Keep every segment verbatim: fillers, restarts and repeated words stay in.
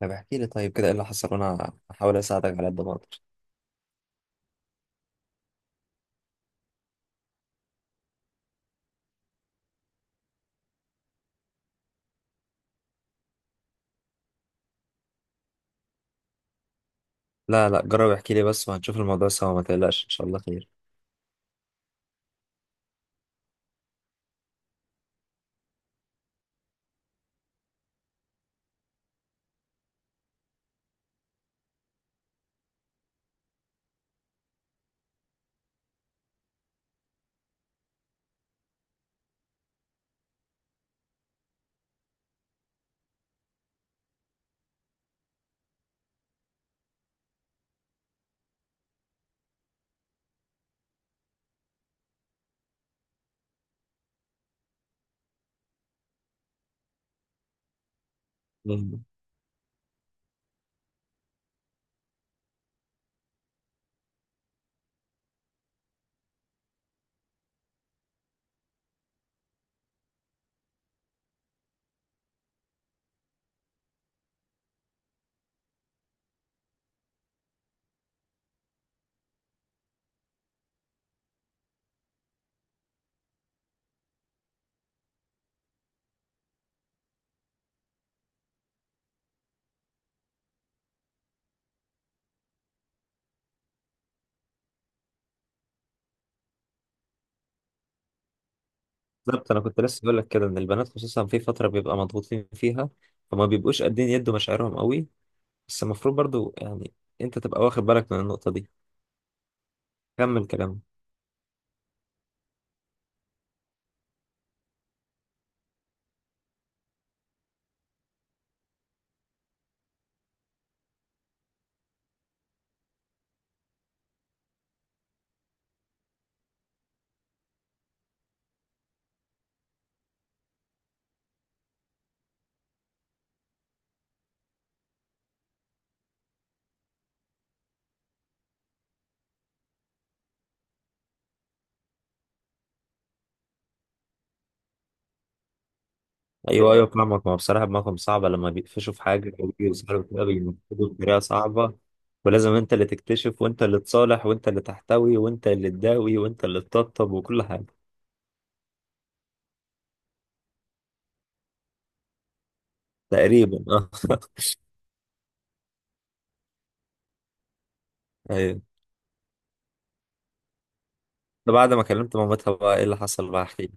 طب احكي لي طيب كده ايه اللي حصل وانا هحاول اساعدك على قد ما اقدر. لا لا، جرب احكي لي بس وهنشوف الموضوع سوا، ما تقلقش ان شاء الله خير. مم. بالظبط، انا كنت لسه بقول لك كده ان البنات خصوصا في فتره بيبقى مضغوطين فيها، فما بيبقوش قادرين يدوا مشاعرهم قوي، بس المفروض برضو يعني انت تبقى واخد بالك من النقطه دي. كمل كلام. ايوه ايوه، فاهمك، ما هو بصراحه دماغهم صعبه لما بيقفشوا في حاجه او بيوصلوا كده بينفذوا بطريقه صعبه. ولازم انت اللي تكتشف وانت اللي تصالح وانت اللي تحتوي وانت اللي تداوي وانت اللي تطبطب وكل حاجه. تقريبا اه. ايوه، ده بعد ما كلمت مامتها بقى ايه اللي حصل؟ بقى احكي لي.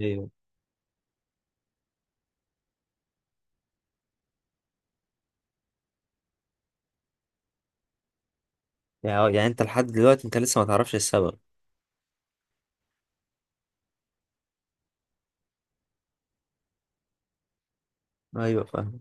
ايوه، يعني يعني انت لحد دلوقتي انت لسه ما تعرفش السبب؟ ايوه فاهم.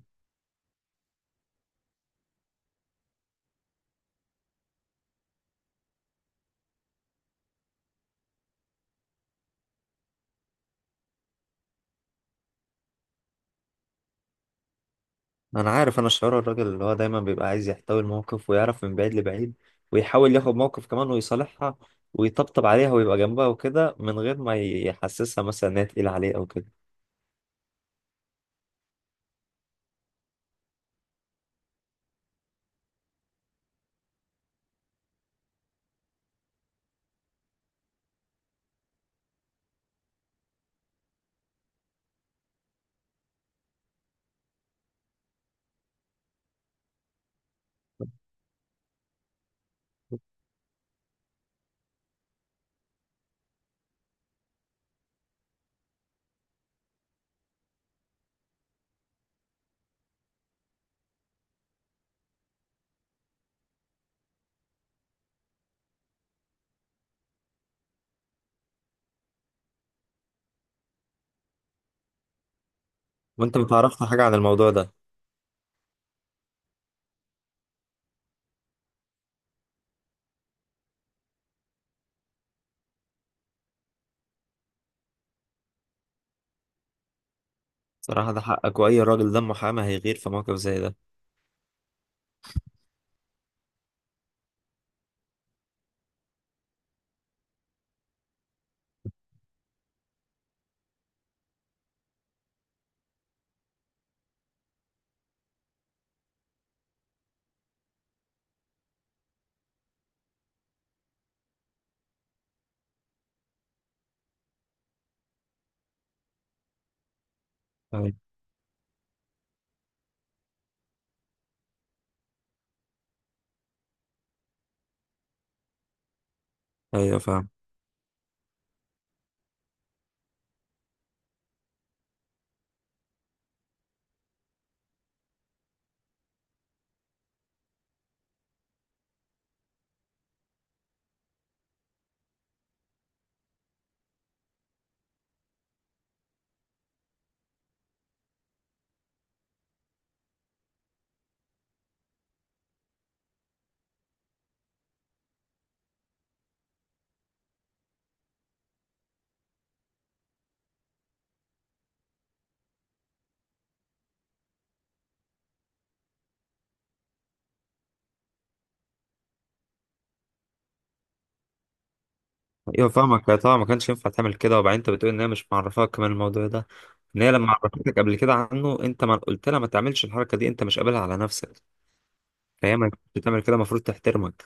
انا عارف انا شعور الراجل اللي هو دايما بيبقى عايز يحتوي الموقف ويعرف من بعيد لبعيد، ويحاول ياخد موقف كمان ويصالحها ويطبطب عليها ويبقى جنبها وكده، من غير ما يحسسها مثلا ان هي تقيلة عليه او كده. وانت ما تعرفش حاجة عن الموضوع ده؟ صراحة ده حقك، واي راجل دمه حامي هيغير في موقف زي ده. ايوه ايوه فاهم. ايوه فاهمك، طبعا ما كانش ينفع تعمل كده. وبعدين انت بتقول ان هي مش معرفاك كمان الموضوع ده، ان هي لما عرفتك قبل كده عنه، انت ما قلت لها ما تعملش الحركه دي، انت مش قابلها على نفسك، فهي ما كانتش تعمل كده، المفروض تحترمك.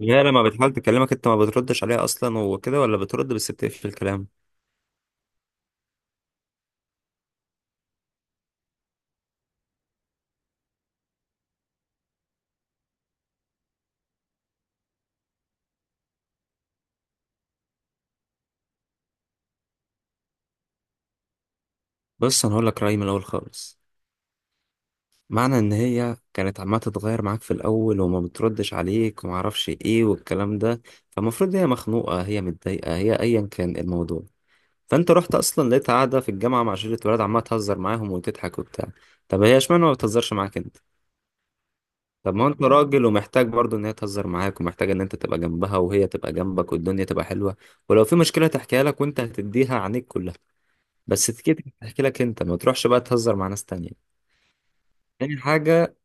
هي لما بتحاول تكلمك انت ما بتردش عليها اصلا وكده، ولا بترد بس بتقفل الكلام؟ بص، انا هقول لك رايي من الاول خالص. معنى ان هي كانت عماله تتغير معاك في الاول وما بتردش عليك وما اعرفش ايه والكلام ده، فالمفروض هي مخنوقه، هي متضايقه، هي ايا كان الموضوع. فانت رحت، اصلا لقيت قاعده في الجامعه مع شله ولاد عماله تهزر معاهم وتضحك وبتاع. طب هي اشمعنى ما بتهزرش معاك انت؟ طب ما هو انت راجل ومحتاج برضه ان هي تهزر معاك، ومحتاج ان انت تبقى جنبها وهي تبقى جنبك والدنيا تبقى حلوه، ولو في مشكله تحكيها لك وانت هتديها عينيك كلها. بس تكيت تحكي لك انت ما تروحش بقى تهزر مع ناس تانية. تاني حاجه،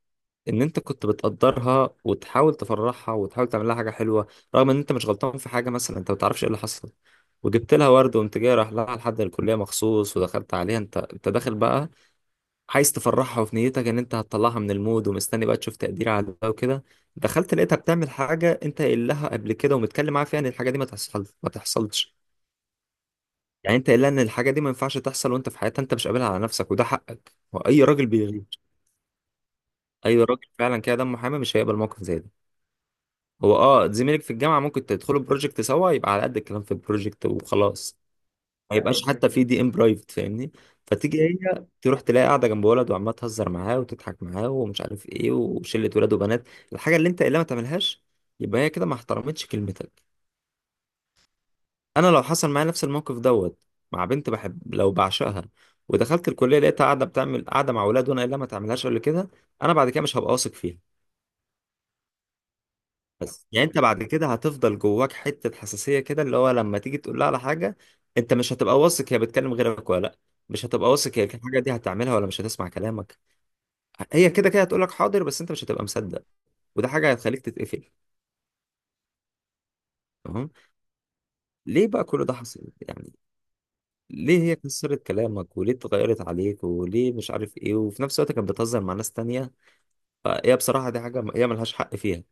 ان انت كنت بتقدرها وتحاول تفرحها وتحاول تعمل لها حاجه حلوه، رغم ان انت مش غلطان في حاجه، مثلا انت ما تعرفش ايه اللي حصل. وجبت لها ورد وقمت جاي رايح لها لحد الكليه مخصوص، ودخلت عليها انت انت داخل بقى عايز تفرحها، وفي نيتك ان انت هتطلعها من المود، ومستني بقى تشوف تقدير عليها وكده. دخلت لقيتها بتعمل حاجه انت قايل لها قبل كده ومتكلم معاها فيها ان الحاجه دي ما تحصل ما تحصلش. يعني انت قايل لها ان الحاجه دي ما ينفعش تحصل وانت في حياتها، انت مش قابلها على نفسك، وده حقك واي راجل بيغير. اي راجل فعلا كده دمه حامي مش هيقبل موقف زي ده. هو اه زميلك في الجامعه، ممكن تدخلوا بروجكت سوا يبقى على قد الكلام في البروجكت وخلاص. ما يبقاش ايوه حتى في دي ام برايفت، فاهمني؟ فتيجي هي تروح تلاقي قاعده جنب ولد وعماله تهزر معاه وتضحك معاه ومش عارف ايه، وشله ولاد وبنات، الحاجه اللي انت اللي ما تعملهاش، يبقى هي كده ما احترمتش كلمتك. انا لو حصل معايا نفس الموقف دوت، مع بنت بحب، لو بعشقها، ودخلت الكليه لقيتها قاعده بتعمل قاعده مع ولاد، وانا اللي ما تعملهاش قبل كده، انا بعد كده مش هبقى واثق فيها. بس يعني انت بعد كده هتفضل جواك حتة حساسية كده، اللي هو لما تيجي تقول لها على حاجة انت مش هتبقى واثق هي بتكلم غيرك ولا لا، مش هتبقى واثق هي الحاجة دي هتعملها ولا مش هتسمع كلامك. هي كده كده هتقول لك حاضر، بس انت مش هتبقى مصدق، وده حاجة هتخليك تتقفل. تمام. ليه بقى كل ده حصل يعني؟ ليه هي كسرت كلامك، وليه اتغيرت عليك، وليه مش عارف ايه، وفي نفس الوقت كانت بتهزر مع ناس تانية؟ فهي بصراحة دي حاجة هي ملهاش حق فيها.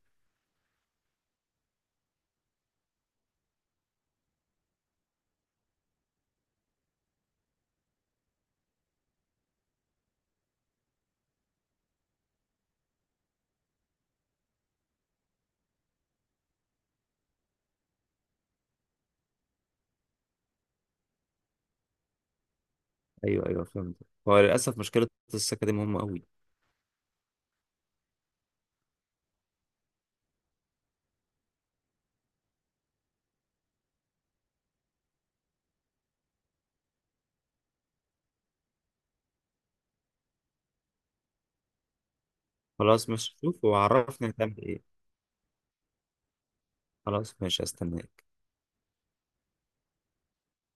ايوه ايوه فهمت. هو للأسف مشكلة، السكة دي مهمة قوي. خلاص، مش شوف وعرفني هتعمل ايه. خلاص ماشي، استناك.